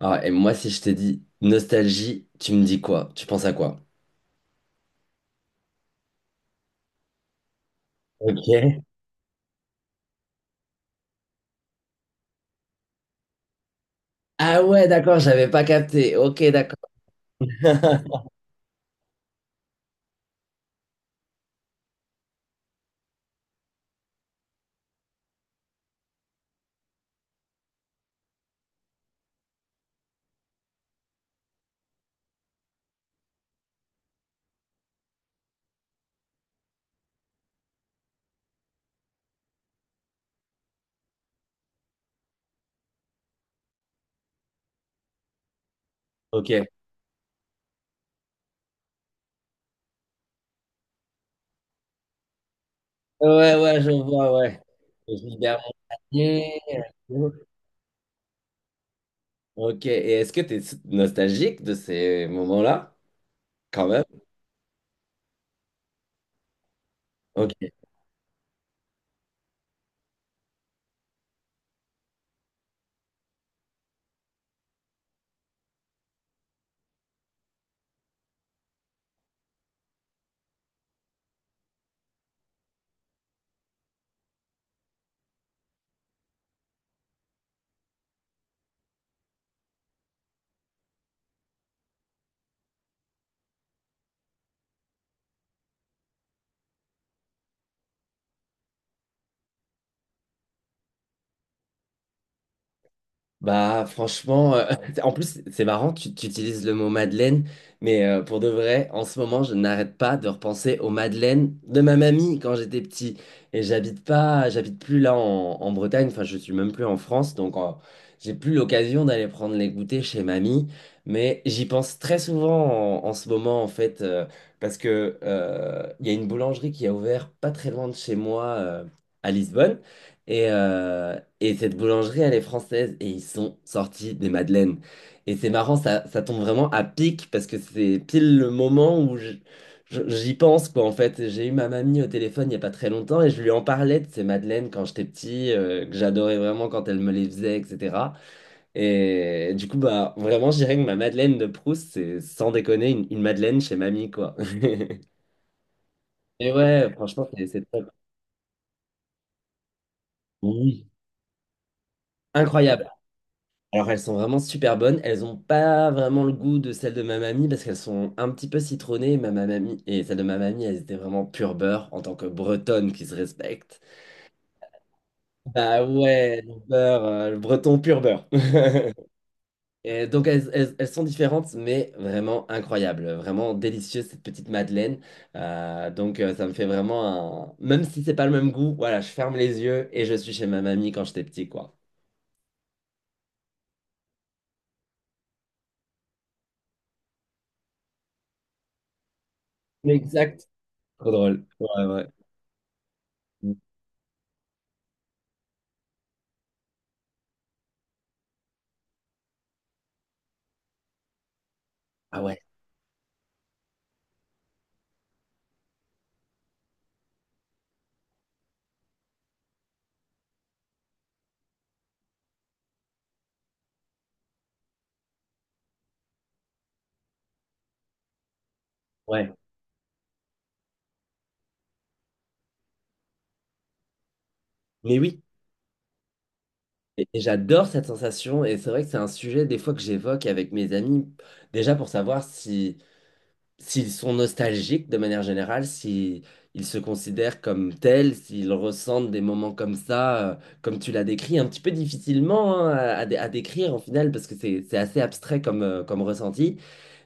Ah, et moi, si je t'ai dit nostalgie, tu me dis quoi? Tu penses à quoi? Ok. Ah ouais, d'accord, j'avais pas capté. Ok, d'accord. Ok. Ouais, ouais, je vois, ouais. Je libère mon pied. Ok, et est-ce que tu es nostalgique de ces moments-là? Quand même. Ok. Bah franchement, en plus c'est marrant, tu utilises le mot Madeleine, mais pour de vrai, en ce moment je n'arrête pas de repenser aux madeleines de ma mamie quand j'étais petit. Et j'habite pas, j'habite plus en Bretagne, enfin je suis même plus en France, donc j'ai plus l'occasion d'aller prendre les goûters chez mamie. Mais j'y pense très souvent en ce moment en fait, parce que il y a une boulangerie qui a ouvert pas très loin de chez moi à Lisbonne. Et cette boulangerie, elle est française et ils sont sortis des madeleines. Et c'est marrant, ça tombe vraiment à pic parce que c'est pile le moment où j'y pense, quoi. En fait, j'ai eu ma mamie au téléphone il n'y a pas très longtemps et je lui en parlais de ces madeleines quand j'étais petit, que j'adorais vraiment quand elle me les faisait, etc. Et du coup, bah, vraiment, je dirais que ma madeleine de Proust, c'est sans déconner une madeleine chez mamie, quoi. Et ouais, franchement, c'est top. Oui. Incroyable. Alors, elles sont vraiment super bonnes. Elles n'ont pas vraiment le goût de celles de ma mamie parce qu'elles sont un petit peu citronnées. Ma mamie et celles de ma mamie, elles étaient vraiment pur beurre en tant que bretonne qui se respecte. Bah ouais, le beurre, le breton pur beurre. Et donc, elles sont différentes, mais vraiment incroyables. Vraiment délicieuses, cette petite madeleine. Ça me fait vraiment un... Même si c'est pas le même goût, voilà, je ferme les yeux et je suis chez ma mamie quand j'étais petit, quoi. Exact. Trop drôle. Ouais, ouais. Ah ouais, ouais. Mais oui, et j'adore cette sensation, et c'est vrai que c'est un sujet des fois que j'évoque avec mes amis, déjà pour savoir si s'ils sont nostalgiques de manière générale, si ils se considèrent comme tels, s'ils ressentent des moments comme ça, comme tu l'as décrit, un petit peu difficilement hein, à décrire en final, parce que c'est assez abstrait comme, comme ressenti.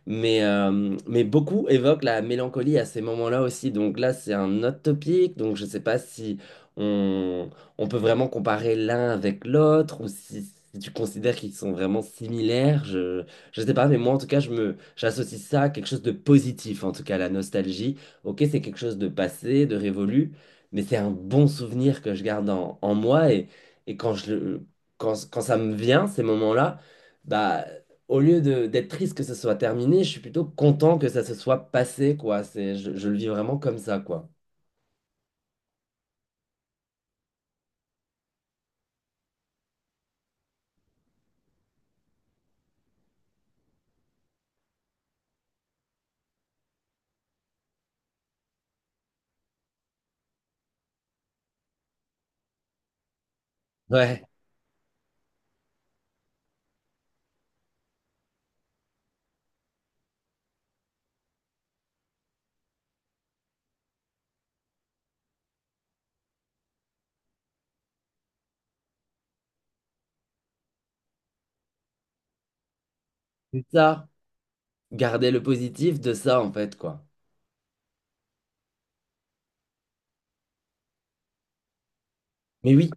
Mais beaucoup évoquent la mélancolie à ces moments-là aussi. Donc là, c'est un autre topic. Donc je ne sais pas si on, on peut vraiment comparer l'un avec l'autre ou si tu considères qu'ils sont vraiment similaires. Je ne sais pas, mais moi, en tout cas, j'associe ça à quelque chose de positif, en tout cas, la nostalgie. Ok, c'est quelque chose de passé, de révolu, mais c'est un bon souvenir que je garde en moi. Et quand quand ça me vient, ces moments-là, bah, au lieu de d'être triste que ça soit terminé, je suis plutôt content que ça se soit passé, quoi. C'est, je le vis vraiment comme ça, quoi. Ouais, c'est ça. Garder le positif de ça, en fait, quoi. Mais oui,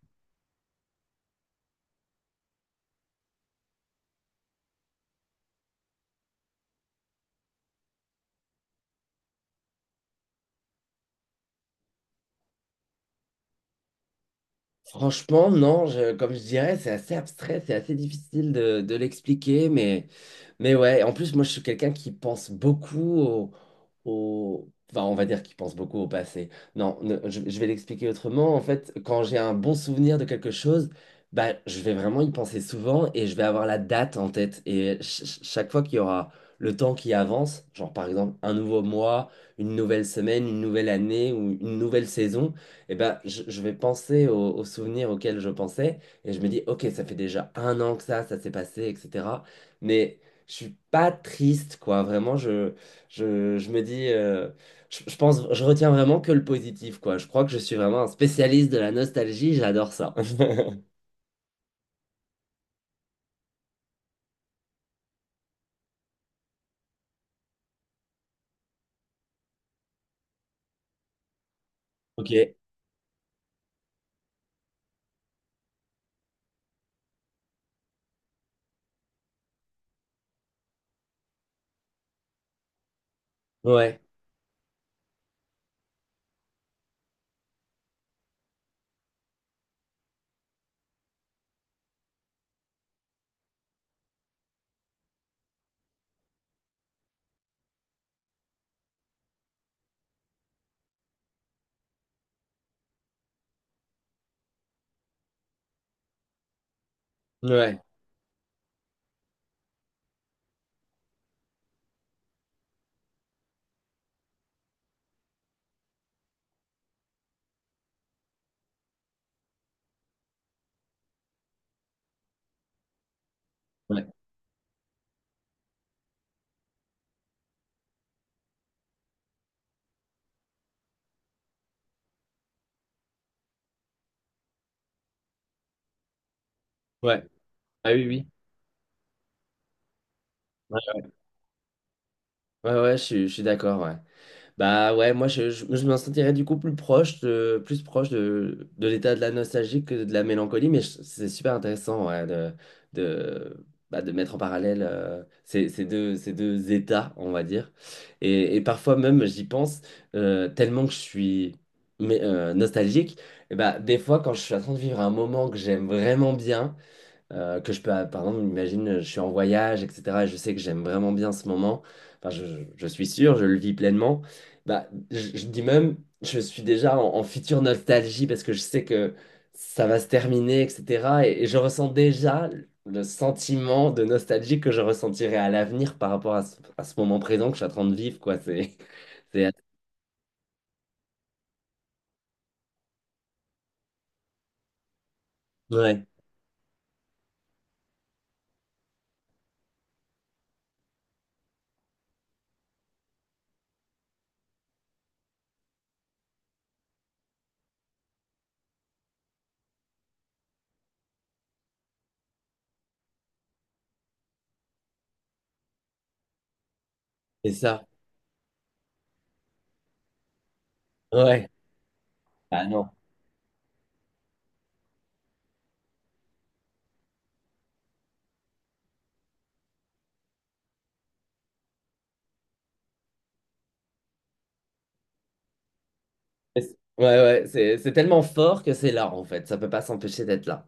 franchement, non, je- comme je dirais, c'est assez abstrait, c'est assez difficile de l'expliquer, mais ouais, en plus, moi, je suis quelqu'un qui pense beaucoup au... Enfin, on va dire qu'il pense beaucoup au passé. Non, ne- je vais l'expliquer autrement. En fait, quand j'ai un bon souvenir de quelque chose, bah, je vais vraiment y penser souvent et je vais avoir la date en tête. Et chaque fois qu'il y aura le temps qui avance, genre par exemple un nouveau mois, une nouvelle semaine, une nouvelle année ou une nouvelle saison, eh ben, je vais penser aux souvenirs auxquels je pensais et je me dis, ok, ça fait déjà un an que ça s'est passé, etc. Mais je suis pas triste, quoi. Vraiment, je... je me dis, je pense, je retiens vraiment que le positif, quoi. Je crois que je suis vraiment un spécialiste de la nostalgie, j'adore ça. Ok. Ouais, ouais, ouais, ouais. Ah oui, oui. Ouais, ouais, ouais, je suis d'accord, ouais. Bah ouais, je me sentirais du coup plus proche plus proche de l'état de la nostalgie que de la mélancolie, mais je- c'est super intéressant ouais, bah, de mettre en parallèle ces deux états, on va dire. Et parfois même, j'y pense tellement que je suis mais, nostalgique, et bah, des fois quand je suis en train de vivre un moment que j'aime vraiment bien, que je peux, par exemple, imagine, je suis en voyage, etc. et je sais que j'aime vraiment bien ce moment. Enfin, je suis sûr, je le vis pleinement. Bah, je dis même, je suis déjà en future nostalgie parce que je sais que ça va se terminer, etc. Et je ressens déjà le sentiment de nostalgie que je ressentirai à l'avenir par rapport à à ce moment présent que je suis en train de vivre, quoi. C'est, c'est, ouais, c'est ça. Ouais. Ah non. Ouais, ouais, c'est tellement fort que c'est là, en fait. Ça peut pas s'empêcher d'être là.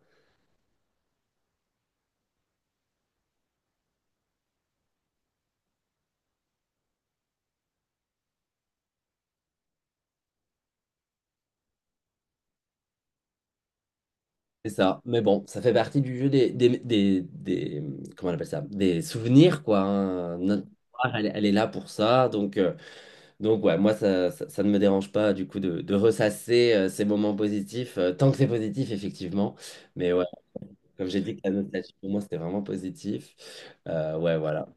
C'est ça, mais bon, ça fait partie du jeu comment on appelle ça? Des souvenirs, quoi. Hein. Notre mémoire, elle, elle est là pour ça, donc ouais, moi, ça ne me dérange pas, du coup, de ressasser ces moments positifs, tant que c'est positif, effectivement. Mais ouais, comme j'ai dit que la nostalgie, pour moi, c'était vraiment positif. Ouais, voilà,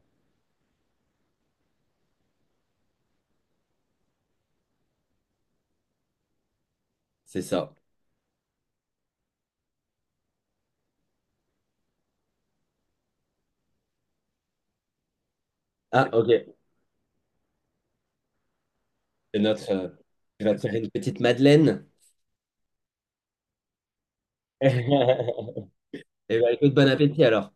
c'est ça. Ah, ok, c'est notre... tu vas te faire une petite madeleine. Eh ben, écoute, bon appétit, alors.